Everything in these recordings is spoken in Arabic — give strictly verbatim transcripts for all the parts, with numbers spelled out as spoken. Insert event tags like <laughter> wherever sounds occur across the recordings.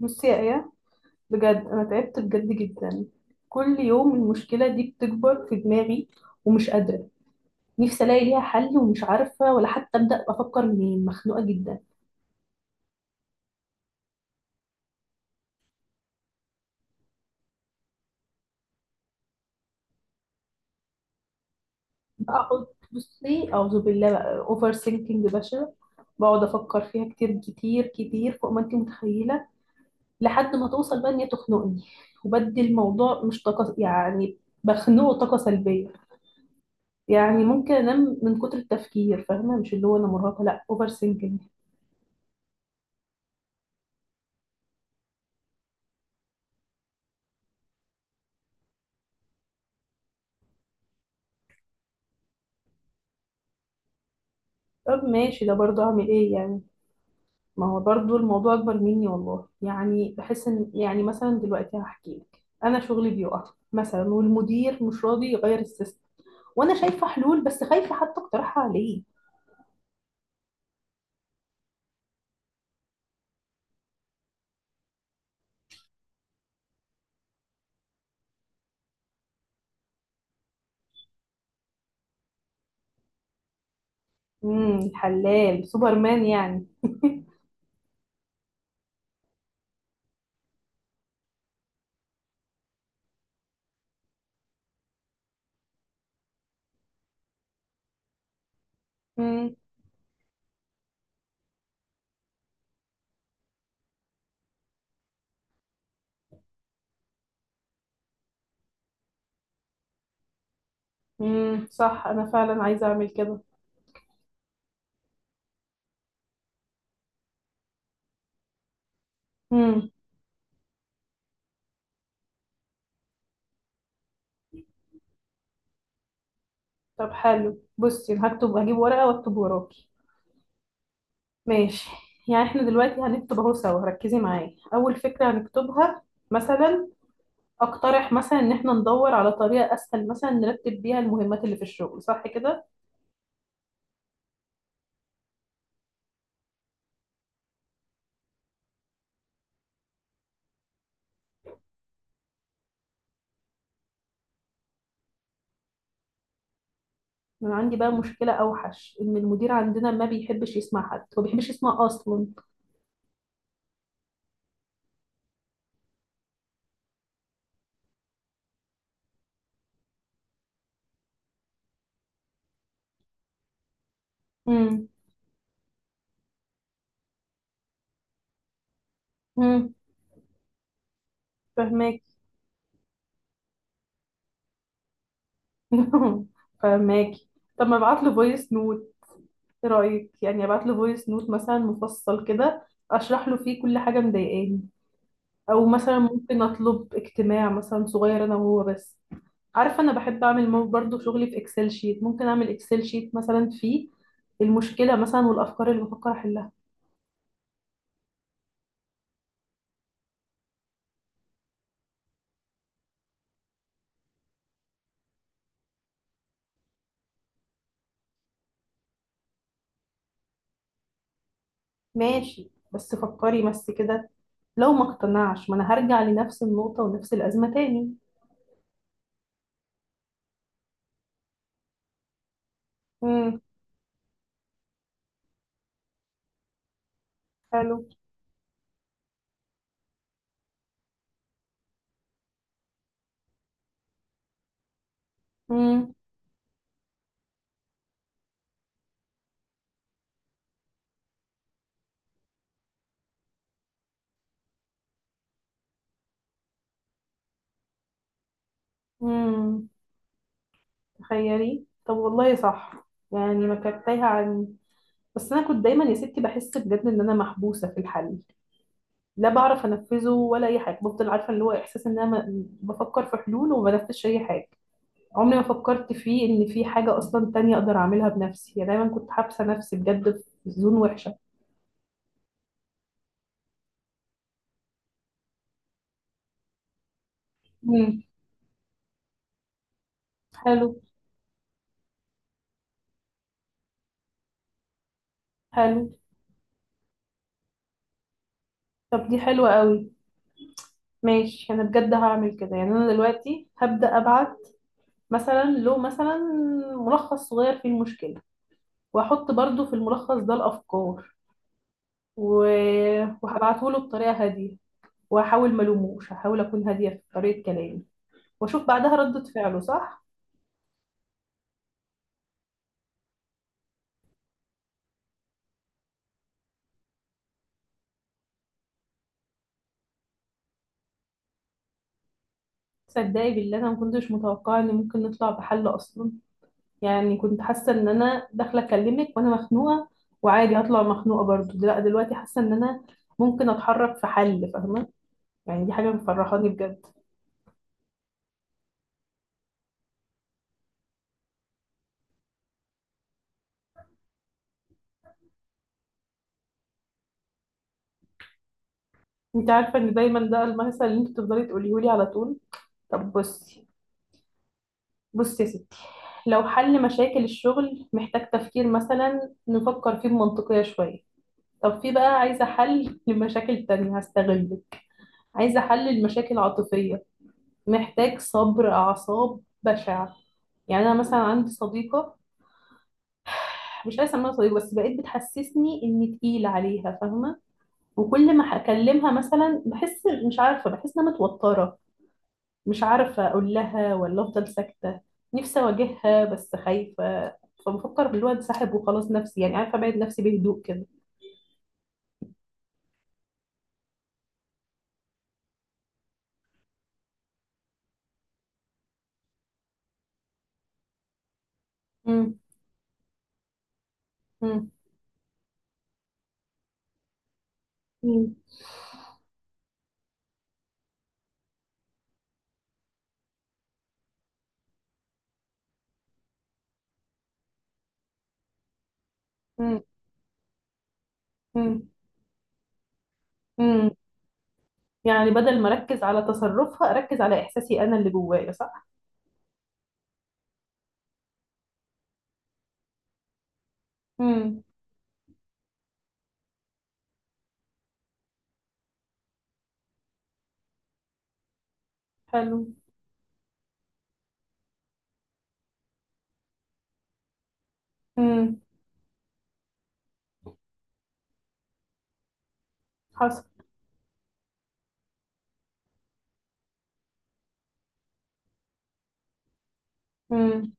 بصي يا ايه، بجد انا تعبت بجد جدا. كل يوم المشكله دي بتكبر في دماغي ومش قادره. نفسي الاقي ليها حل ومش عارفه ولا حتى ابدا افكر منين، مخنوقه جدا. بقعد. بصي اعوذ بالله بقى، اوفر ثينكينج بشع. بقعد افكر فيها كتير كتير كتير فوق ما انت متخيله، لحد ما توصل بقى ان هي تخنقني، وبدي الموضوع مش طاقه يعني، بخنقه طاقه سلبيه. يعني ممكن انام من كتر التفكير، فاهمه؟ مش اللي هو انا مرهقه، لا، اوفر ثينكينج. طب ماشي، ده برضه اعمل ايه يعني؟ ما هو برضه الموضوع اكبر مني والله، يعني بحس ان يعني مثلا دلوقتي هحكي لك، انا شغلي بيقع مثلا، والمدير مش راضي يغير السيستم، وانا شايفه حلول بس خايفه حتى اقترحها عليه. امم حلال سوبرمان يعني. امم امم صح، انا فعلا عايزه اعمل كده. امم طب حلو، بصي أنا هكتب، هجيب ورقه واكتب وراكي. ماشي. يعني احنا دلوقتي هنكتب اهو سوا، ركزي معايا، اول فكره هنكتبها مثلا، اقترح مثلا ان احنا ندور على طريقة اسهل مثلا نرتب بيها المهمات اللي في الشغل، صح كده؟ انا عندي بقى مشكلة اوحش، ان المدير عندنا ما بيحبش يسمع حد، هو ما بيحبش يسمع اصلا. امم امم فهماكي. <laughs> فهماكي. طب ما ابعت له فويس نوت، ايه رايك؟ يعني ابعت له فويس نوت مثلا مفصل كده، اشرح له فيه كل حاجة مضايقاني. او مثلا ممكن اطلب اجتماع مثلا صغير انا وهو بس. عارفة أنا بحب أعمل مو- برضو شغلي في إكسل شيت، ممكن أعمل إكسل شيت مثلا فيه المشكلة مثلا والأفكار اللي بفكر أحلها. ماشي، بس فكري بس كده. لو ما اقتنعش، ما أنا هرجع لنفس النقطة ونفس الأزمة تاني. امم حلو. امم امم تخيلي طب، والله صح. يعني ما كانت تايهة عني، بس أنا كنت دايما يا ستي بحس بجد إن أنا محبوسة في الحل، لا بعرف أنفذه ولا أي حاجة، بفضل عارفة اللي هو إحساس إن أنا م- بفكر في حلول وما بنفذش أي حاجة. عمري ما فكرت فيه ان في حاجة اصلا تانية اقدر اعملها بنفسي، يعني دايما كنت حابسة نفسي بجد في زون وحشة. امم حلو. حلو. طب دي حلوة قوي. ماشي انا بجد هعمل كده، يعني انا دلوقتي هبدأ ابعت مثلا له مثلا ملخص صغير فيه المشكلة، واحط برضو في الملخص ده الافكار و... وهبعته له بطريقة هادية. وهحاول ما الوموش هحاول اكون هادية في طريقة كلامي، واشوف بعدها ردة فعله، صح؟ تصدقي بالله انا ما كنتش متوقعة ان ممكن نطلع بحل اصلا. يعني كنت حاسة ان انا داخلة اكلمك وانا مخنوقة، وعادي هطلع مخنوقة برضو، لا دلوقتي حاسة ان انا ممكن اتحرك في حل، فاهمة؟ يعني دي حاجة مفرحاني بجد. انت عارفة ان دايما ده المثل اللي انت بتفضلي تقوليه لي على طول. طب بصي بصي يا ستي، لو حل مشاكل الشغل محتاج تفكير مثلا نفكر فيه بمنطقية شوية، طب في بقى عايزة حل لمشاكل تانية، هستغلك. عايزة حل المشاكل العاطفية، محتاج صبر أعصاب بشع. يعني أنا مثلا عندي صديقة، مش عايزه اسميها صديق بس بقيت بتحسسني اني تقيله عليها، فاهمه؟ وكل ما هكلمها مثلا بحس، مش عارفه، بحس انها متوتره، مش عارفه اقول لها ولا افضل ساكته. نفسي اواجهها بس خايفه، فبفكر بالواد ساحب وخلاص، نفسي يعني عارفه ابعد نفسي بهدوء كده. مم. مم. مم. مم. مم. مم. يعني بدل ما اركز على تصرفها، اركز على احساسي انا اللي جوايا، صح؟ مم. حلو. مم. حصل. مم.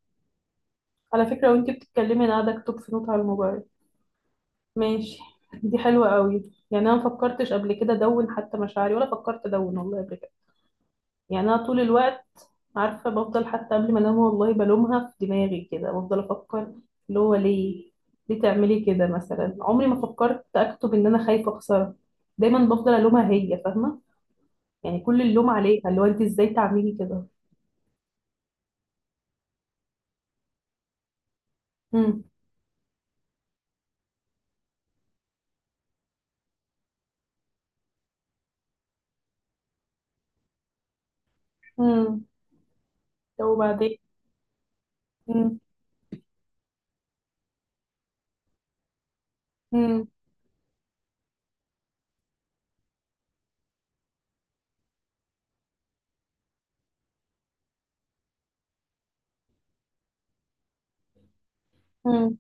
على فكرة وانتي بتتكلمي انا قاعدة اكتب في نوت على الموبايل. ماشي. دي حلوة قوي، يعني انا ما فكرتش قبل كده ادون حتى مشاعري، ولا فكرت ادون والله قبل كده. يعني انا طول الوقت، عارفة بفضل حتى قبل ما انام والله بلومها في دماغي كده، بفضل افكر اللي هو ليه، ليه تعملي كده مثلا؟ عمري ما فكرت اكتب ان انا خايفة اخسرها، دايما بفضل الومها هي، فاهمة؟ يعني كل اللوم عليها، اللي هو انت ازاي تعملي كده. امم امم لو وبعدين. امم امم امم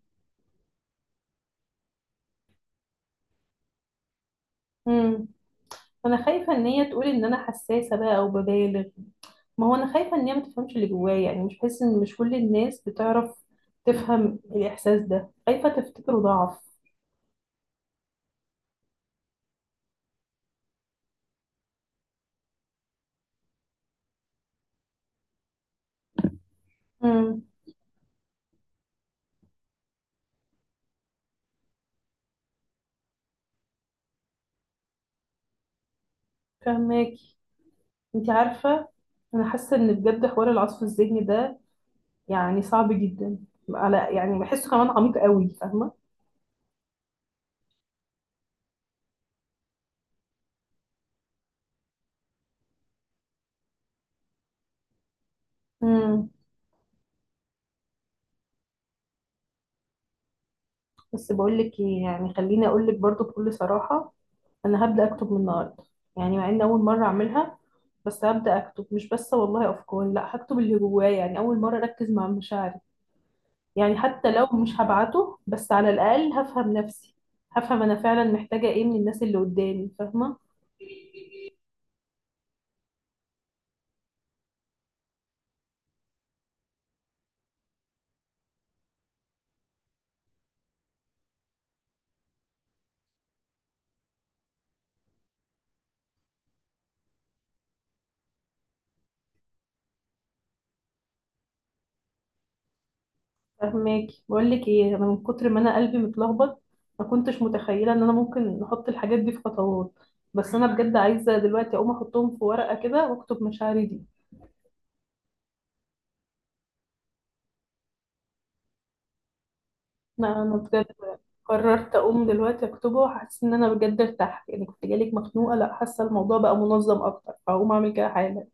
امم انا خايفة ان هي تقول ان انا حساسة بقى او ببالغ، ما هو انا خايفه ان هي ما تفهمش اللي جوايا، يعني مش بحس ان، مش كل الناس بتعرف تفهم الاحساس ده، خايفه تفتكره ضعف. امم فهماكي. انت عارفه انا حاسه ان بجد حوار العصف الذهني ده يعني صعب جدا، على يعني بحسه كمان عميق قوي، فاهمه؟ امم بس بقول لك ايه، يعني خليني اقول لك برضو بكل صراحه، انا هبدا اكتب من النهارده، يعني مع ان اول مره اعملها بس هبدا اكتب، مش بس والله افكار، لا هكتب اللي جوايا، يعني اول مره اركز مع مشاعري. يعني حتى لو مش هبعته، بس على الأقل هفهم نفسي، هفهم أنا فعلا محتاجة إيه من الناس اللي قدامي، فاهمة؟ فاهماكي، بقول لك إيه، أنا من كتر ما أنا قلبي متلخبط ما كنتش متخيلة إن أنا ممكن أحط الحاجات دي في خطوات، بس أنا بجد عايزة دلوقتي أقوم أحطهم في ورقة كده وأكتب مشاعري دي. لا أنا بجد قررت أقوم دلوقتي أكتبه، وحاسة إن أنا بجد ارتحت، يعني كنت جالك مخنوقة، لا حاسة الموضوع بقى منظم أكتر، فهقوم أعمل كده حالا.